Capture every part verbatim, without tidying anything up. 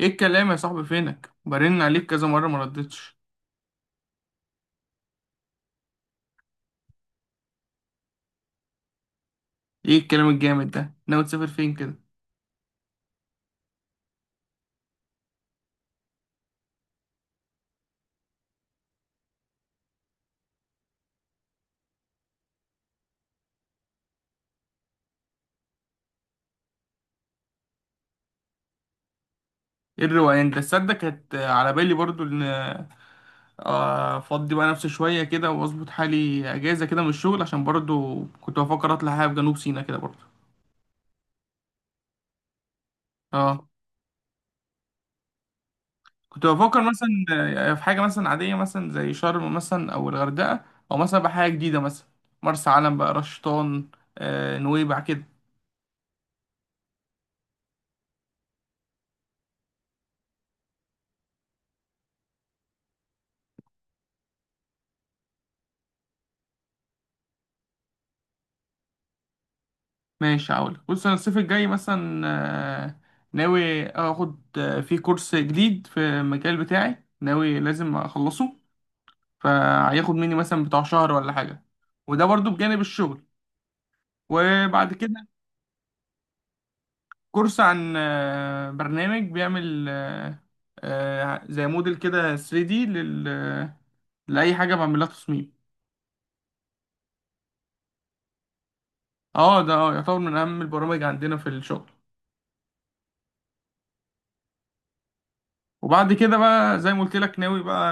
ايه الكلام يا صاحبي؟ فينك؟ برن عليك كذا مره ما ردتش. ايه الكلام الجامد ده؟ ناوي تسافر فين كده؟ ايه الروقان ده؟ تصدق كانت على بالي برضو ان آه، افضي بقى نفسي شويه كده واظبط حالي اجازه كده من الشغل، عشان برضو كنت بفكر اطلع حاجه في جنوب سيناء كده برضو. اه، كنت بفكر مثلا آه، في حاجه مثلا عاديه مثلا زي شرم مثلا او الغردقه، او مثلا بحاجه جديده مثلا مرسى علم بقى رشطان، آه، نويبع كده. ماشي، هقولك بص انا الصيف الجاي مثلا آه، ناوي اخد، آه، فيه كورس جديد في المجال بتاعي ناوي لازم اخلصه، فهياخد مني مثلا بتاع شهر ولا حاجة، وده برضو بجانب الشغل. وبعد كده كورس عن آه، برنامج بيعمل آه، آه، زي موديل كده ثري دي لل... آه، لأي حاجة بعملها تصميم. اه ده يعتبر من أهم البرامج عندنا في الشغل. وبعد كده بقى زي ما قلت لك ناوي بقى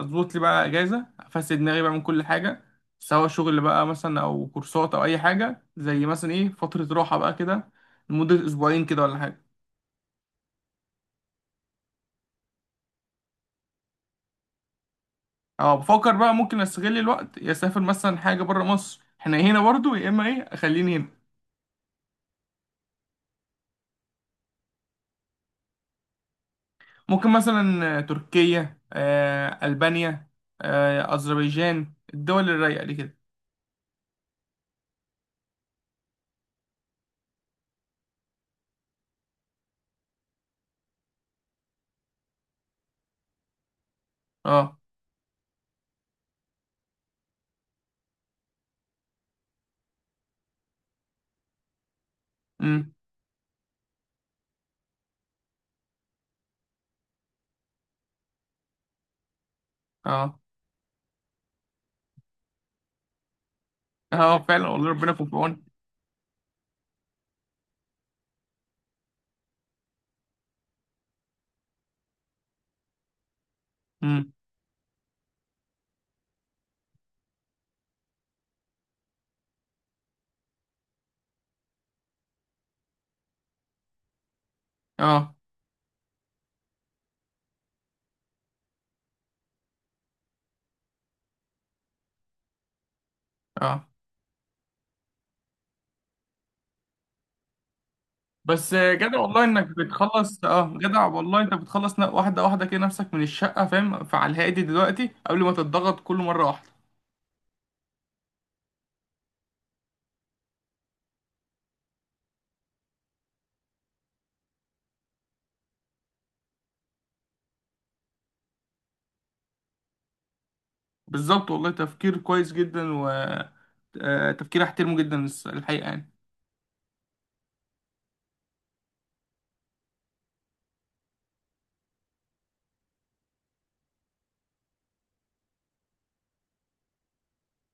اظبط لي بقى اجازه افسد دماغي بقى من كل حاجه، سواء شغل بقى مثلا او كورسات او اي حاجه، زي مثلا ايه فتره راحه بقى كده لمده اسبوعين كده ولا حاجه. اه بفكر بقى ممكن استغل الوقت يا اسافر مثلا حاجه بره مصر، احنا هنا برضو يا اما ايه اخليني هنا. ممكن مثلا تركيا، آه البانيا، آه اذربيجان، الدول الرايقه دي كده. اه. امم. اه. اه فعلا والله ربنا يكون في عونك. امم. اه. اه. بس جدع والله انك بتخلص، اه جدع والله انت بتخلص ن- واحده واحده كده نفسك من الشقه فاهم، فعلى الهادي دلوقتي قبل ما تتضغط كل مره واحده. بالظبط والله، تفكير كويس جدا و آه، تفكير احترمه جدا، الس- الحقيقه يعني.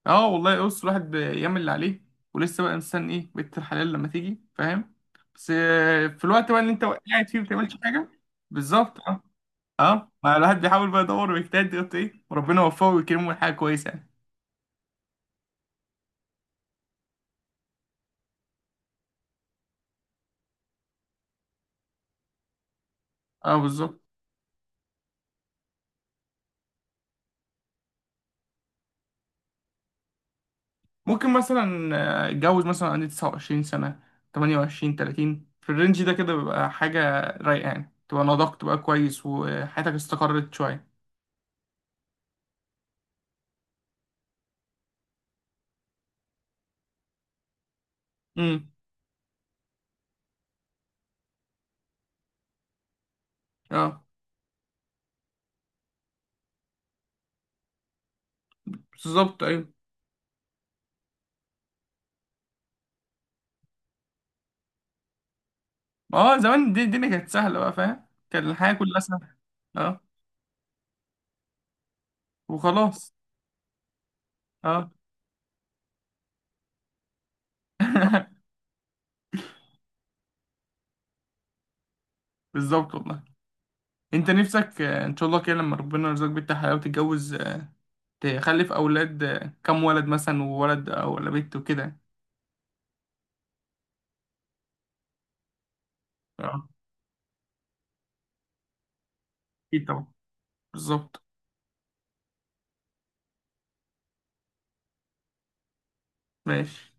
اه والله بص الواحد بيعمل اللي عليه، ولسه بقى انسان ايه بنت الحلال لما تيجي فاهم، بس آه، في الوقت بقى اللي انت قاعد فيه ما بتعملش حاجه. بالظبط اه. اه ما الواحد بيحاول بقى يدور ويجتهد يقول ايه، وربنا يوفقه ويكرمه حاجه كويسه يعني. اه بالظبط. ممكن مثلا آه، اتجوز مثلا عندي 29 سنة، تمنية وعشرين، تلاتين في الرينج ده كده بيبقى حاجة رايقة يعني، تبقى نضجت بقى كويس وحياتك استقرت شوية. امم. اه. بالظبط ايوه. اه زمان دي الدنيا كانت سهلة بقى فاهم، كان الحياة كلها سهلة. اه وخلاص. اه بالظبط والله. انت نفسك آه، ان شاء الله كده لما ربنا يرزقك بنت حلال وتتجوز، آه، تخلف اولاد، آه، كم ولد مثلا، وولد او ولا بنت وكده يعني. اه اكيد طبعا بالظبط. ماشي.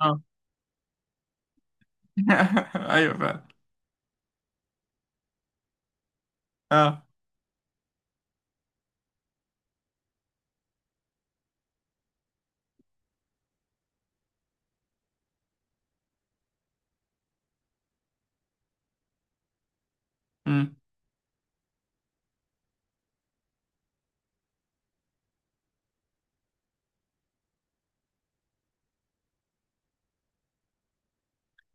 اه ايوه فعلا. اه. امم.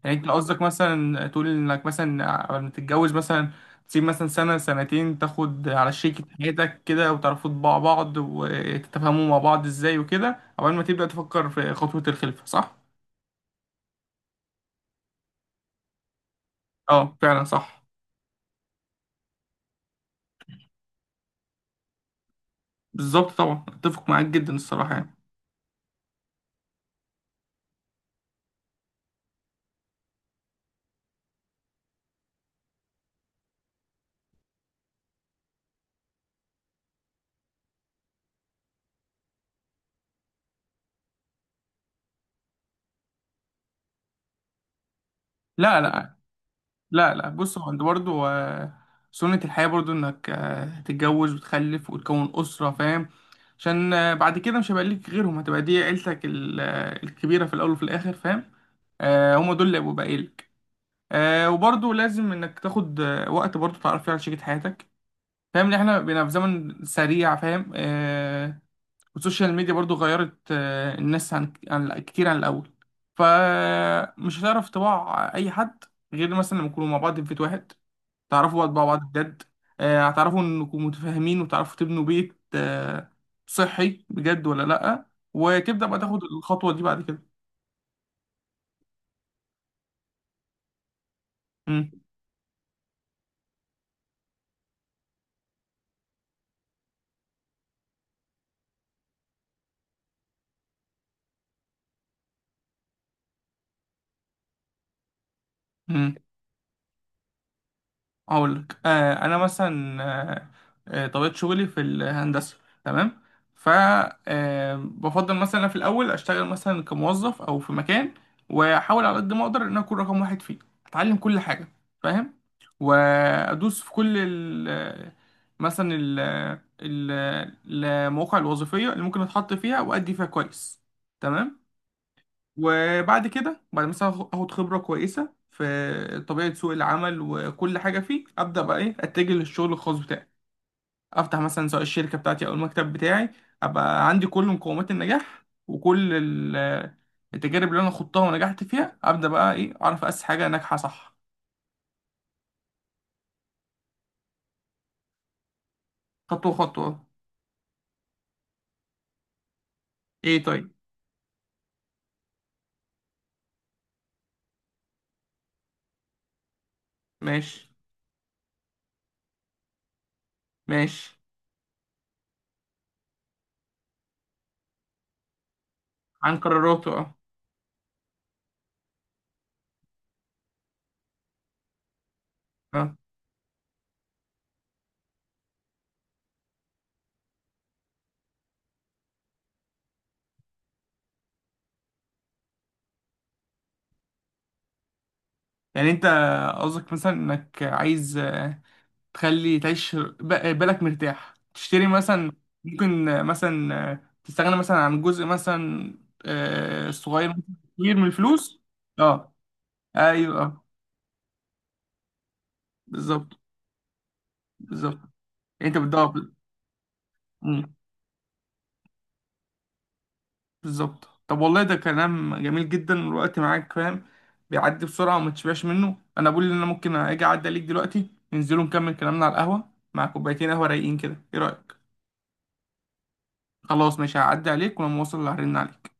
يعني انت قصدك مثلا تقول انك مثلا قبل ما تتجوز مثلا تسيب مثلا سنة سنتين تاخد على شريكة حياتك كده وتعرفوا طباع بعض وتتفاهموا مع بعض ازاي وكده، قبل ما تبدأ تفكر في خطوة الخلفة، صح؟ اه فعلا صح. بالظبط طبعا، اتفق معاك جدا الصراحة يعني. لا لا. لا لا. بص هو انت برضه آه، سنة الحياة برضه انك آه، تتجوز وتخلف وتكون أسرة فاهم، عشان آه، بعد كده مش هيبقى ليك غيرهم، هتبقى دي عيلتك ال- آه، الكبيرة في الأول وفي الآخر فاهم. آه، هما دول اللي هيبقوا باقيلك. آه، وبرضه لازم انك تاخد آه، وقت برضه تعرف فيه على شريكة حياتك، فاهم ان احنا بقينا في زمن سريع، فاهم. آه، والسوشيال ميديا برضه غيرت آه، الناس عن عن- كتير عن الأول، فمش هتعرف تبع أي حد غير مثلا لما يكونوا مع بعض في بيت واحد، تعرفوا بعض بقى بعض بجد. آه، هتعرفوا انكم متفاهمين وتعرفوا تبنوا بيت آه، صحي بجد ولا لأ، وتبدأ بقى تاخد الخطوة دي بعد كده. مم. مم. هقول لك، آه انا مثلا آه آه، طبيعه شغلي في الهندسه، تمام. ف آه، بفضل مثلا في الاول اشتغل مثلا كموظف او في مكان، واحاول على قد ما اقدر ان أنا اكون رقم واحد فيه، اتعلم كل حاجه فاهم، وادوس في كل ال، مثلا ال، ال- المواقع الوظيفيه اللي ممكن اتحط فيها وادي فيها كويس، تمام. وبعد كده بعد مثلا آخ- اخد خبرة كويسة في طبيعة سوق العمل وكل حاجة فيه، ابدا بقى ايه اتجه للشغل الخاص بتاعي، افتح مثلا سواء الشركة بتاعتي او المكتب بتاعي، ابقى عندي كل مقومات النجاح وكل ال- التجارب اللي انا خضتها ونجحت فيها، ابدا بقى ايه اعرف اسس حاجة ناجحة، صح. خطوة خطوة. ايه طيب. ماشي، ماشي. عن قراراته اه. اه يعني انت قصدك مثلا انك عايز تخلي تعيش ب- بالك مرتاح، تشتري مثلا، ممكن مثلا تستغنى مثلا عن جزء مثلا آه، صغير، كبير من الفلوس. اه، ايوه، بالظبط. بالظبط. انت بتدور. مم. بالظبط، طب والله ده كلام جميل جدا، الوقت معاك فاهم بيعدي بسرعة وما تشبعش منه، انا بقول ان انا ممكن اجي اعدي عليك دلوقتي، ننزلوا نكمل كلامنا على القهوة مع كوبايتين قهوة رايقين كده، ايه رأيك؟ خلاص ماشي، هعدي عليك ولما اوصل هرن عليك.